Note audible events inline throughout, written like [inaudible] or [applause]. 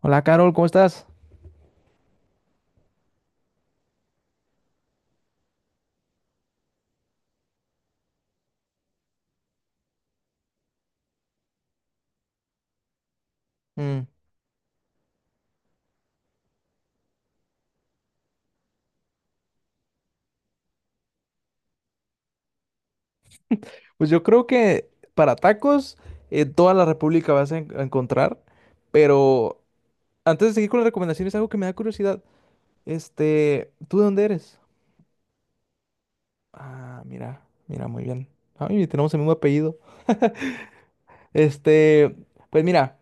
Hola, Carol, ¿cómo estás? Mm. Pues yo creo que para tacos en toda la República vas a, a encontrar, pero antes de seguir con las recomendaciones, algo que me da curiosidad. ¿Tú de dónde eres? Ah, mira, mira, muy bien. Ay, tenemos el mismo apellido. Este, pues mira,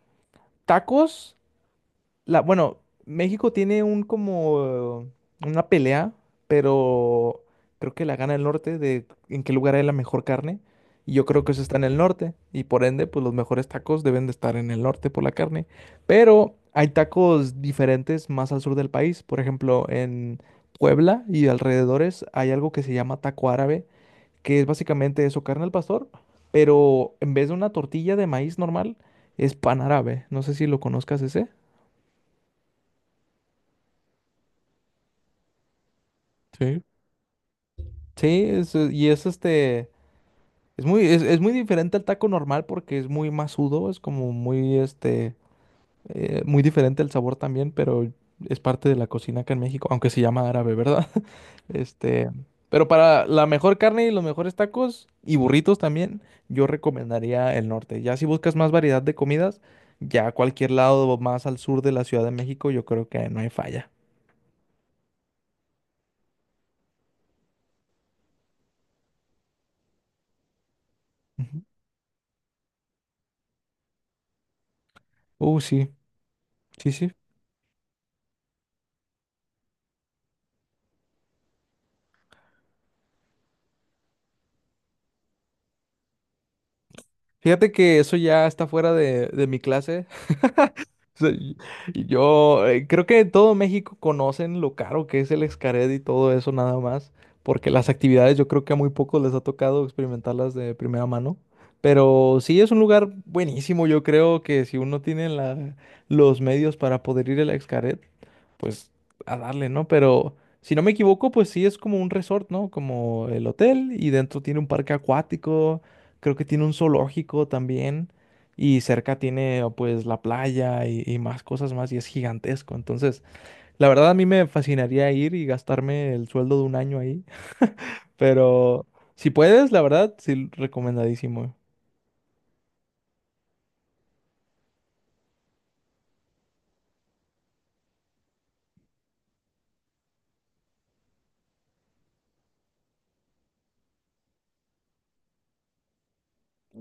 tacos. La, bueno, México tiene un como una pelea, pero creo que la gana el norte de en qué lugar hay la mejor carne. Y yo creo que eso está en el norte. Y por ende, pues los mejores tacos deben de estar en el norte por la carne. Pero hay tacos diferentes más al sur del país. Por ejemplo, en Puebla y alrededores hay algo que se llama taco árabe, que es básicamente eso, carne al pastor, pero en vez de una tortilla de maíz normal, es pan árabe. No sé si lo conozcas ese. Sí. Sí, es, y es es muy diferente al taco normal porque es muy masudo, es como muy, muy diferente el sabor también, pero es parte de la cocina acá en México, aunque se llama árabe, ¿verdad? [laughs] Este, pero para la mejor carne y los mejores tacos y burritos también, yo recomendaría el norte. Ya si buscas más variedad de comidas, ya cualquier lado más al sur de la Ciudad de México, yo creo que no hay falla. Ujú. Sí, sí, sí. Fíjate que eso ya está fuera de mi clase. [laughs] sea, y yo creo que en todo México conocen lo caro que es el Xcaret y todo eso nada más, porque las actividades yo creo que a muy pocos les ha tocado experimentarlas de primera mano. Pero sí es un lugar buenísimo, yo creo que si uno tiene los medios para poder ir al Xcaret, pues a darle, ¿no? Pero si no me equivoco, pues sí es como un resort, ¿no? Como el hotel y dentro tiene un parque acuático, creo que tiene un zoológico también y cerca tiene oh, pues la playa y más cosas más y es gigantesco. Entonces, la verdad a mí me fascinaría ir y gastarme el sueldo de un año ahí, [laughs] pero si puedes, la verdad, sí, recomendadísimo.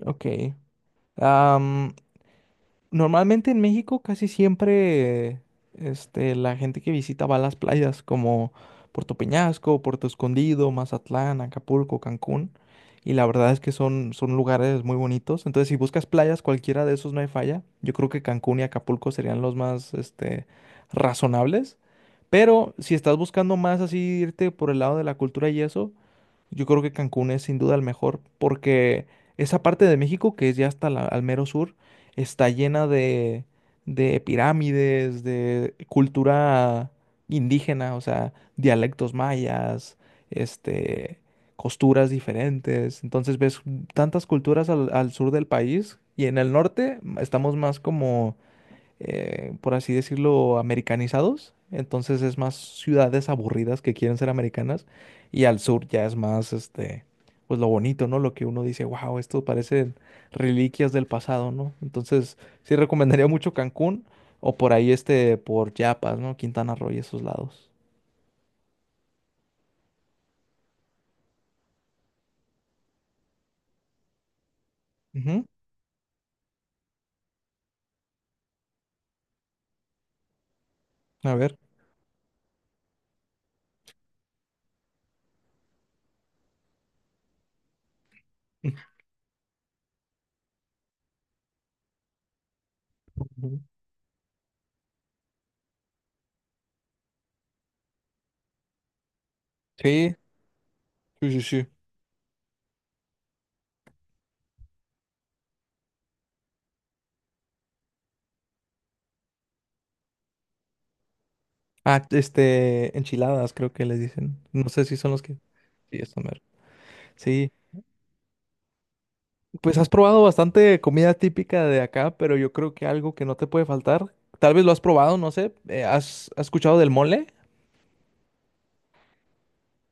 Ok. Am, normalmente en México casi siempre la gente que visita va a las playas como Puerto Peñasco, Puerto Escondido, Mazatlán, Acapulco, Cancún. Y la verdad es que son, son lugares muy bonitos. Entonces, si buscas playas, cualquiera de esos no hay falla. Yo creo que Cancún y Acapulco serían los más razonables. Pero si estás buscando más así irte por el lado de la cultura y eso, yo creo que Cancún es sin duda el mejor porque esa parte de México, que es ya hasta al mero sur, está llena de pirámides, de cultura indígena, o sea, dialectos mayas, este, costuras diferentes. Entonces ves tantas culturas al, al sur del país y en el norte estamos más como por así decirlo, americanizados. Entonces es más ciudades aburridas que quieren ser americanas. Y al sur ya es más, pues lo bonito, ¿no? Lo que uno dice, wow, esto parecen reliquias del pasado, ¿no? Entonces sí recomendaría mucho Cancún o por ahí, por Chiapas, ¿no? Quintana Roo y esos lados. Ujú. A ver. Ujú. Sí, sí, sí, sí. Ah, enchiladas creo que les dicen. No sé si son los que… Sí, esto mero. Sí. Pues has probado bastante comida típica de acá, pero yo creo que algo que no te puede faltar, tal vez lo has probado, no sé, ¿has escuchado del mole?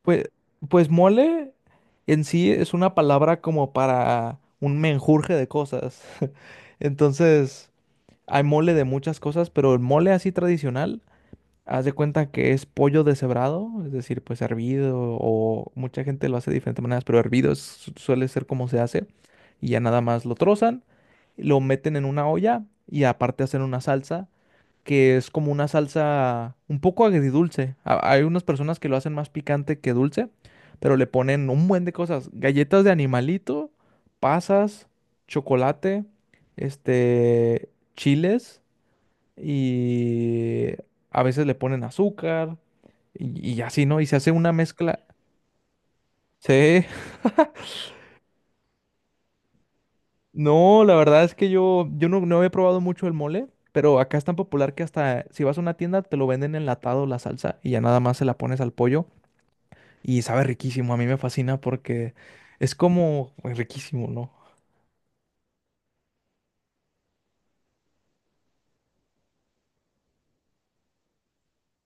Pues, pues mole en sí es una palabra como para un menjurje de cosas. [laughs] Entonces, hay mole de muchas cosas, pero el mole así tradicional. Haz de cuenta que es pollo deshebrado, es decir, pues hervido, o mucha gente lo hace de diferentes maneras, pero hervido suele ser como se hace, y ya nada más lo trozan, lo meten en una olla y aparte hacen una salsa, que es como una salsa un poco agridulce. Hay unas personas que lo hacen más picante que dulce, pero le ponen un buen de cosas, galletas de animalito, pasas, chocolate, este, chiles y a veces le ponen azúcar y así, ¿no? Y se hace una mezcla. Sí. [laughs] No, la verdad es que yo no, no he probado mucho el mole, pero acá es tan popular que hasta si vas a una tienda te lo venden enlatado la salsa y ya nada más se la pones al pollo y sabe riquísimo. A mí me fascina porque es como pues, riquísimo, ¿no?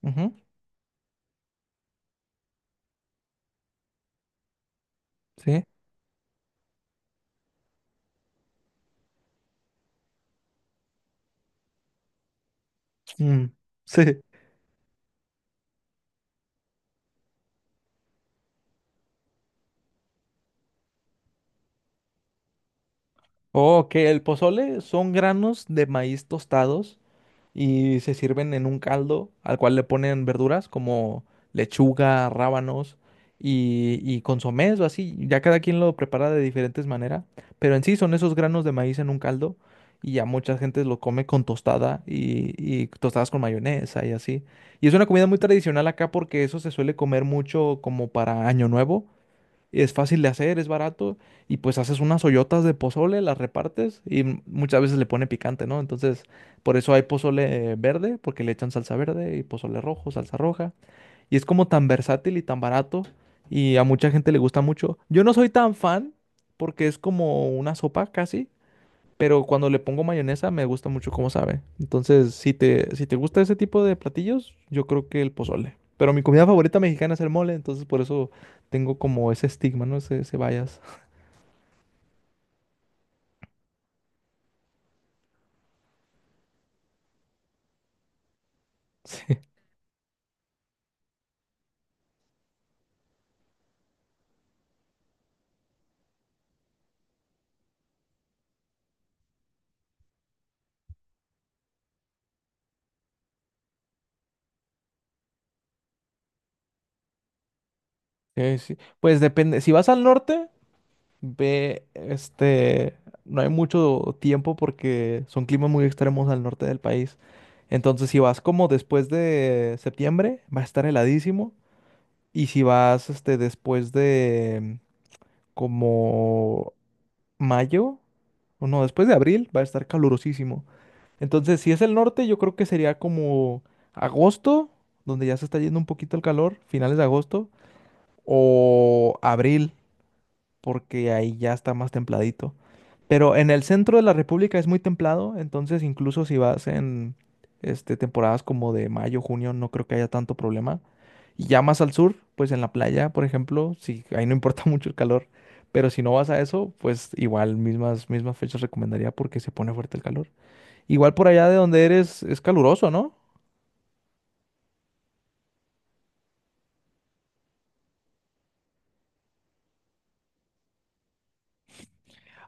Ujú, sí. Mm, [laughs] sí. Ok, el pozole son granos de maíz tostados y se sirven en un caldo al cual le ponen verduras como lechuga, rábanos y consomés o así. Ya cada quien lo prepara de diferentes maneras, pero en sí son esos granos de maíz en un caldo y ya mucha gente lo come con tostada y tostadas con mayonesa y así. Y es una comida muy tradicional acá porque eso se suele comer mucho como para Año Nuevo, es fácil de hacer, es barato y pues haces unas ollotas de pozole, las repartes y muchas veces le pone picante, ¿no? Entonces, por eso hay pozole verde, porque le echan salsa verde y pozole rojo, salsa roja. Y es como tan versátil y tan barato y a mucha gente le gusta mucho. Yo no soy tan fan porque es como una sopa casi, pero cuando le pongo mayonesa me gusta mucho cómo sabe. Entonces, si te gusta ese tipo de platillos, yo creo que el pozole. Pero mi comida favorita mexicana es el mole, entonces por eso tengo como ese estigma, ¿no? Ese bias. [laughs] Sí, sí, sí. Pues depende. Si vas al norte, ve, no hay mucho tiempo porque son climas muy extremos al norte del país. Entonces, si vas como después de septiembre, va a estar heladísimo. Y si vas, después de como mayo, o no, después de abril va a estar calurosísimo. Entonces, si es el norte, yo creo que sería como agosto, donde ya se está yendo un poquito el calor, finales de agosto, o abril, porque ahí ya está más templadito. Pero en el centro de la República es muy templado, entonces incluso si vas en temporadas como de mayo, junio, no creo que haya tanto problema. Y ya más al sur, pues en la playa, por ejemplo, sí, ahí no importa [laughs] mucho el calor. Pero si no vas a eso, pues igual mismas, mismas fechas recomendaría porque se pone fuerte el calor. Igual por allá de donde eres es caluroso, ¿no?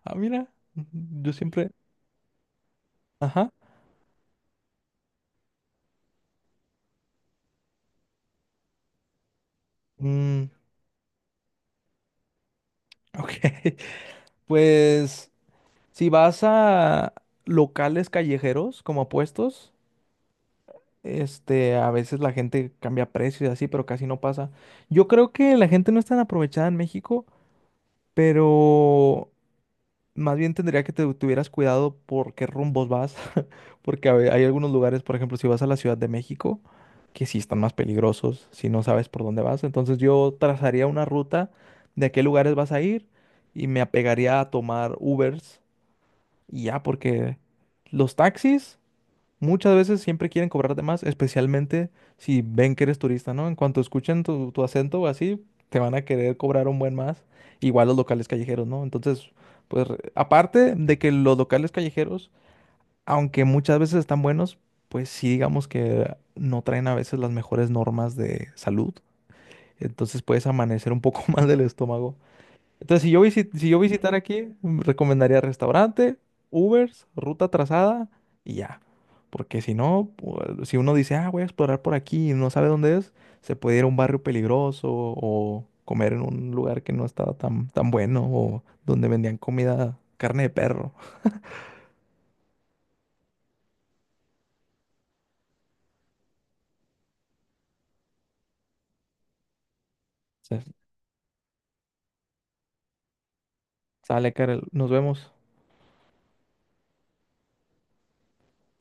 Ah, mira, yo siempre… Ajá. Mm, ok. [laughs] Pues si vas a locales callejeros como a puestos, a veces la gente cambia precio y así, pero casi no pasa. Yo creo que la gente no es tan aprovechada en México, pero más bien tendría que te tuvieras cuidado por qué rumbos vas, [laughs] porque hay algunos lugares, por ejemplo, si vas a la Ciudad de México, que sí están más peligrosos si no sabes por dónde vas. Entonces yo trazaría una ruta de a qué lugares vas a ir y me apegaría a tomar Ubers y ya, porque los taxis… Muchas veces siempre quieren cobrarte más, especialmente si ven que eres turista, ¿no? En cuanto escuchen tu, tu acento o así, te van a querer cobrar un buen más. Igual los locales callejeros, ¿no? Entonces, pues aparte de que los locales callejeros, aunque muchas veces están buenos, pues sí digamos que no traen a veces las mejores normas de salud. Entonces puedes amanecer un poco [laughs] más del estómago. Entonces, si yo visitara aquí, mm, recomendaría restaurante, Ubers, ruta trazada y ya. Porque si no, si uno dice, ah, voy a explorar por aquí y no sabe dónde es, se puede ir a un barrio peligroso o comer en un lugar que no estaba tan, tan bueno o donde vendían comida, carne de perro. [laughs] O sale, Karel, nos vemos.